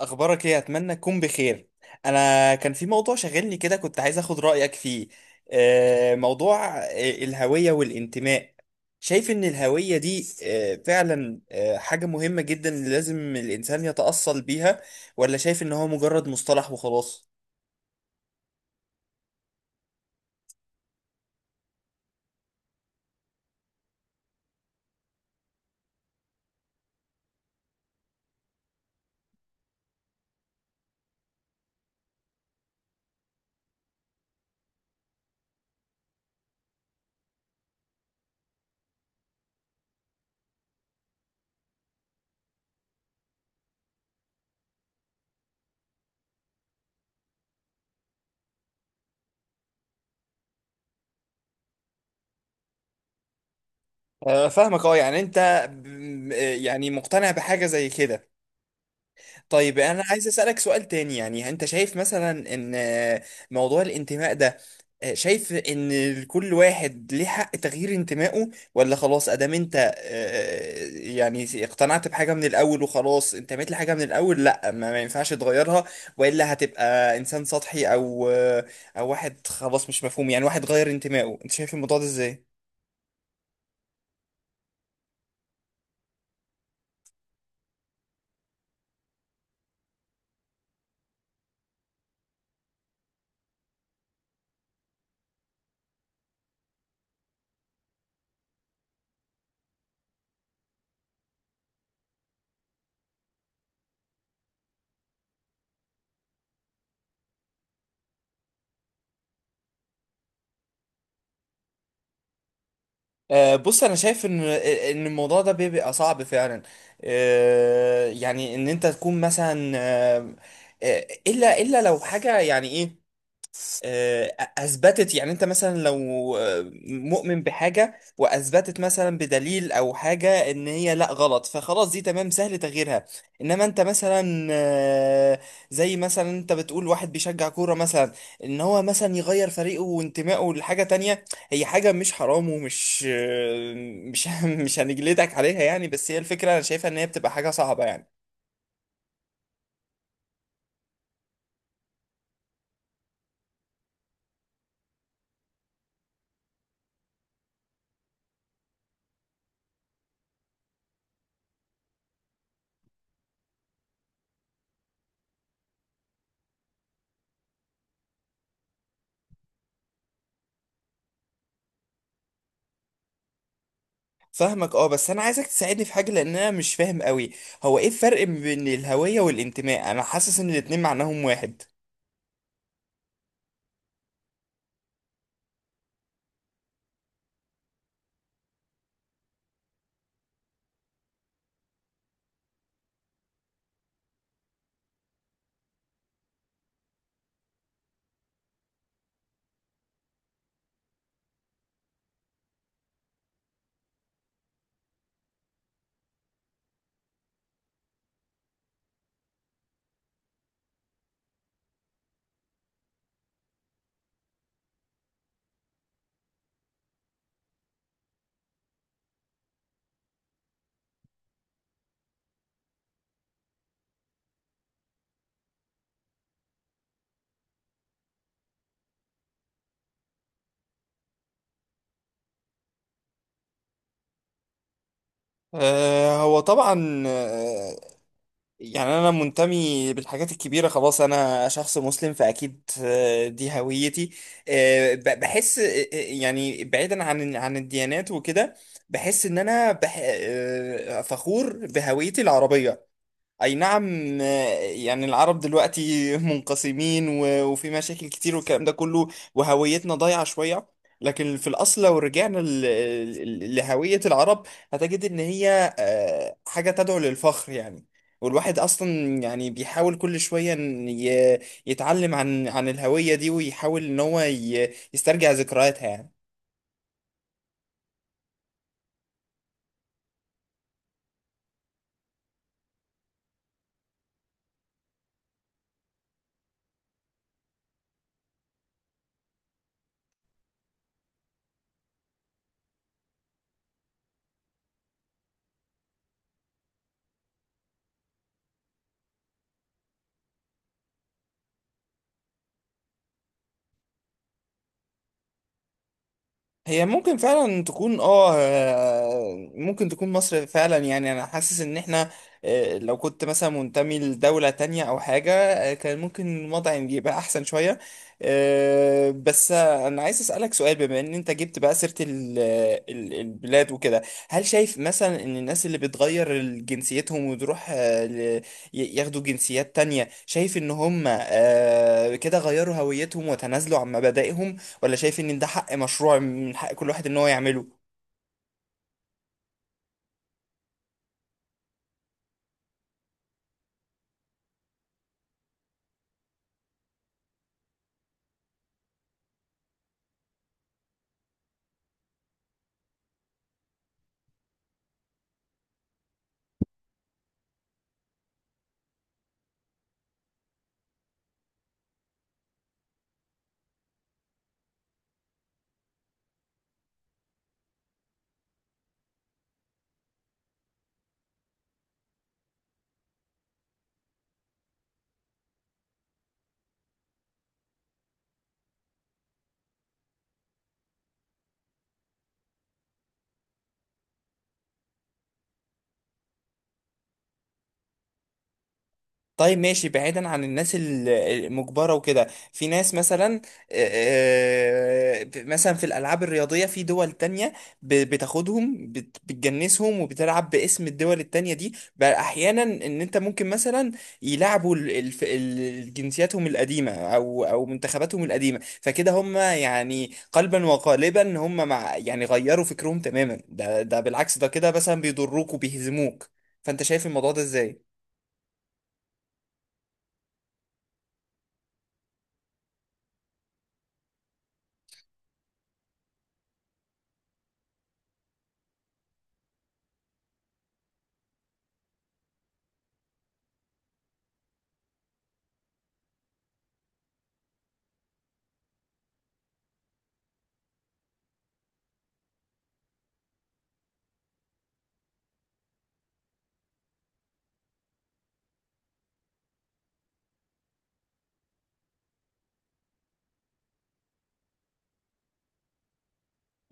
اخبارك ايه؟ اتمنى تكون بخير. انا كان في موضوع شاغلني كده، كنت عايز اخد رايك فيه. موضوع الهويه والانتماء. شايف ان الهويه دي فعلا حاجه مهمه جدا، لازم الانسان يتاصل بيها؟ ولا شايف ان هو مجرد مصطلح وخلاص؟ فاهمك، اه يعني انت يعني مقتنع بحاجه زي كده. طيب، انا عايز اسالك سؤال تاني. يعني انت شايف مثلا ان موضوع الانتماء ده، شايف ان كل واحد ليه حق تغيير انتمائه؟ ولا خلاص ادام انت يعني اقتنعت بحاجه من الاول، وخلاص انتميت لحاجه من الاول، لا ما ينفعش تغيرها؟ والا هتبقى انسان سطحي او او واحد خلاص مش مفهوم، يعني واحد غير انتمائه؟ انت شايف الموضوع ده ازاي؟ بص، انا شايف ان الموضوع ده بيبقى صعب فعلا. يعني ان انت تكون مثلا، الا لو حاجه يعني ايه. اثبتت، يعني انت مثلا لو مؤمن بحاجه واثبتت مثلا بدليل او حاجه ان هي لا، غلط، فخلاص دي تمام سهل تغييرها. انما انت مثلا، زي مثلا انت بتقول واحد بيشجع كوره مثلا، ان هو مثلا يغير فريقه وانتمائه لحاجه تانية. هي حاجه مش حرام ومش مش مش هنجلدك عليها يعني، بس هي الفكره انا شايفها ان هي بتبقى حاجه صعبه يعني. فاهمك، اه، بس انا عايزك تساعدني في حاجه لان انا مش فاهم قوي. هو ايه الفرق بين الهويه والانتماء؟ انا حاسس ان الاتنين معناهم واحد. هو طبعا، يعني انا منتمي بالحاجات الكبيره، خلاص انا شخص مسلم فاكيد، دي هويتي. بحس، يعني بعيدا عن الديانات وكده. بحس ان انا بح آه فخور بهويتي العربيه. اي نعم، يعني العرب دلوقتي منقسمين و- وفي مشاكل كتير والكلام ده كله. وهويتنا ضايعة شوية. لكن في الاصل لو رجعنا لهوية العرب، هتجد ان هي حاجة تدعو للفخر يعني. والواحد اصلا يعني بيحاول كل شوية إن يتعلم عن الهوية دي، ويحاول ان هو يسترجع ذكرياتها يعني. هي ممكن فعلا تكون، ممكن تكون مصر فعلا، يعني انا حاسس ان احنا لو كنت مثلا منتمي لدولة تانية او حاجة، كان ممكن الوضع يبقى احسن شوية. آه، بس آه، انا عايز اسألك سؤال، بما ان انت جبت بقى سيرة البلاد وكده. هل شايف مثلا ان الناس اللي بتغير جنسيتهم وتروح، ياخدوا جنسيات تانية، شايف ان هم كده غيروا هويتهم وتنازلوا عن مبادئهم؟ ولا شايف ان ده حق مشروع من حق كل واحد ان هو يعمله؟ طيب ماشي، بعيدا عن الناس المجبرة وكده. في ناس مثلا، آه، مثلا في الألعاب الرياضية في دول تانية بتاخدهم، بتجنسهم وبتلعب باسم الدول التانية دي، بقى أحيانا إن أنت ممكن مثلا يلعبوا جنسياتهم القديمة أو منتخباتهم القديمة، فكده هم يعني قلبا وقالبا هم مع، يعني غيروا فكرهم تماما، ده بالعكس ده كده مثلا بيضروك وبيهزموك. فأنت شايف الموضوع ده إزاي؟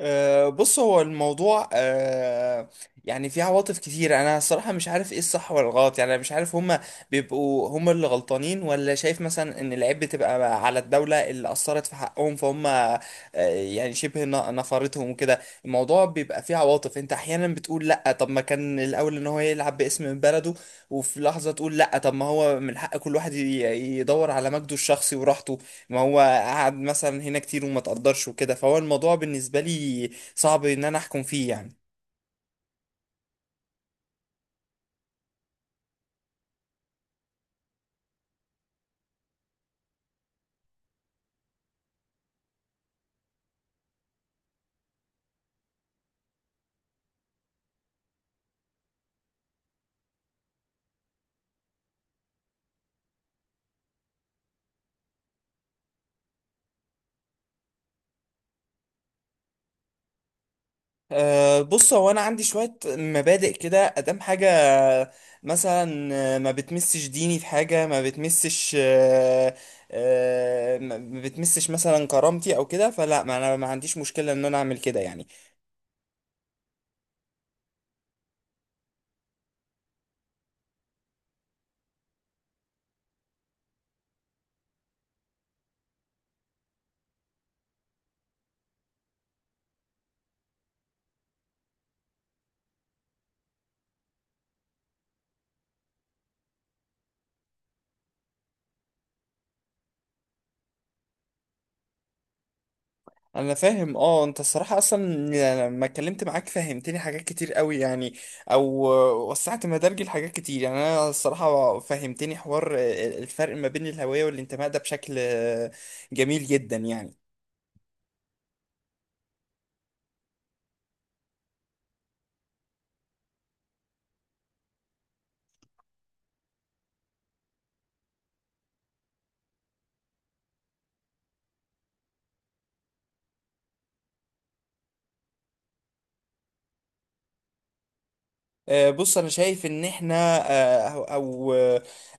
بص، هو الموضوع يعني فيه عواطف كتير، انا الصراحه مش عارف ايه الصح ولا الغلط، يعني انا مش عارف هما بيبقوا هما اللي غلطانين، ولا شايف مثلا ان العيب بتبقى على الدوله اللي اثرت في حقهم، فهم يعني شبه نفرتهم وكده. الموضوع بيبقى فيه عواطف، انت احيانا بتقول لا طب ما كان الاول ان هو يلعب باسم بلده، وفي لحظه تقول لا طب ما هو من حق كل واحد يدور على مجده الشخصي وراحته. ما هو قعد مثلا هنا كتير وما تقدرش وكده، فهو الموضوع بالنسبة لي صعب ان انا احكم فيه يعني. بص، هو انا عندي شوية مبادئ كده، ادام حاجة مثلا ما بتمسش ديني في حاجة، ما بتمسش أه أه ما بتمسش مثلا كرامتي او كده، فلا، ما انا ما عنديش مشكلة ان انا اعمل كده يعني. انا فاهم، اه، انت الصراحه اصلا يعني لما اتكلمت معاك فهمتني حاجات كتير قوي يعني، او وسعت مدارجي لحاجات كتير، يعني انا الصراحه فهمتني حوار الفرق ما بين الهويه والانتماء ده بشكل جميل جدا يعني. بص، انا شايف ان احنا آه، او او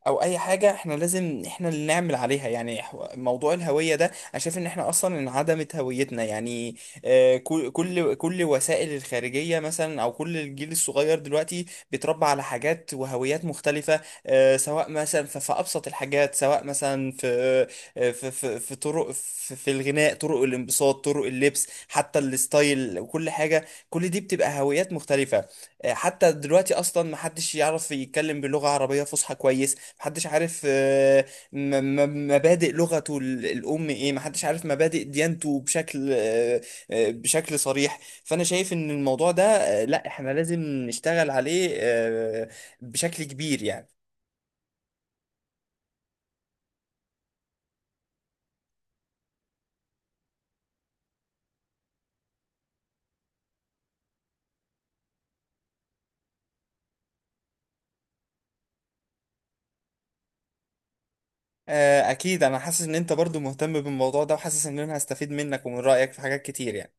او اي حاجه احنا لازم احنا اللي نعمل عليها يعني. موضوع الهويه ده انا شايف ان احنا اصلا انعدمت هويتنا يعني. كل وسائل الخارجيه مثلا، او كل الجيل الصغير دلوقتي بيتربى على حاجات وهويات مختلفه. سواء مثلا في ابسط الحاجات، سواء مثلا في في طرق، في الغناء، طرق الانبساط، طرق اللبس، حتى الستايل وكل حاجه. كل دي بتبقى هويات مختلفه. حتى دلوقتي اصلا محدش يعرف يتكلم بلغة عربية فصحى كويس، محدش عارف م- مبادئ لغته الام ايه، محدش عارف مبادئ ديانته بشكل بشكل صريح. فانا شايف ان الموضوع ده لا، احنا لازم نشتغل عليه بشكل كبير يعني. اكيد، انا حاسس ان انت برضو مهتم بالموضوع ده، وحاسس ان انا هستفيد منك ومن رأيك في حاجات كتير يعني.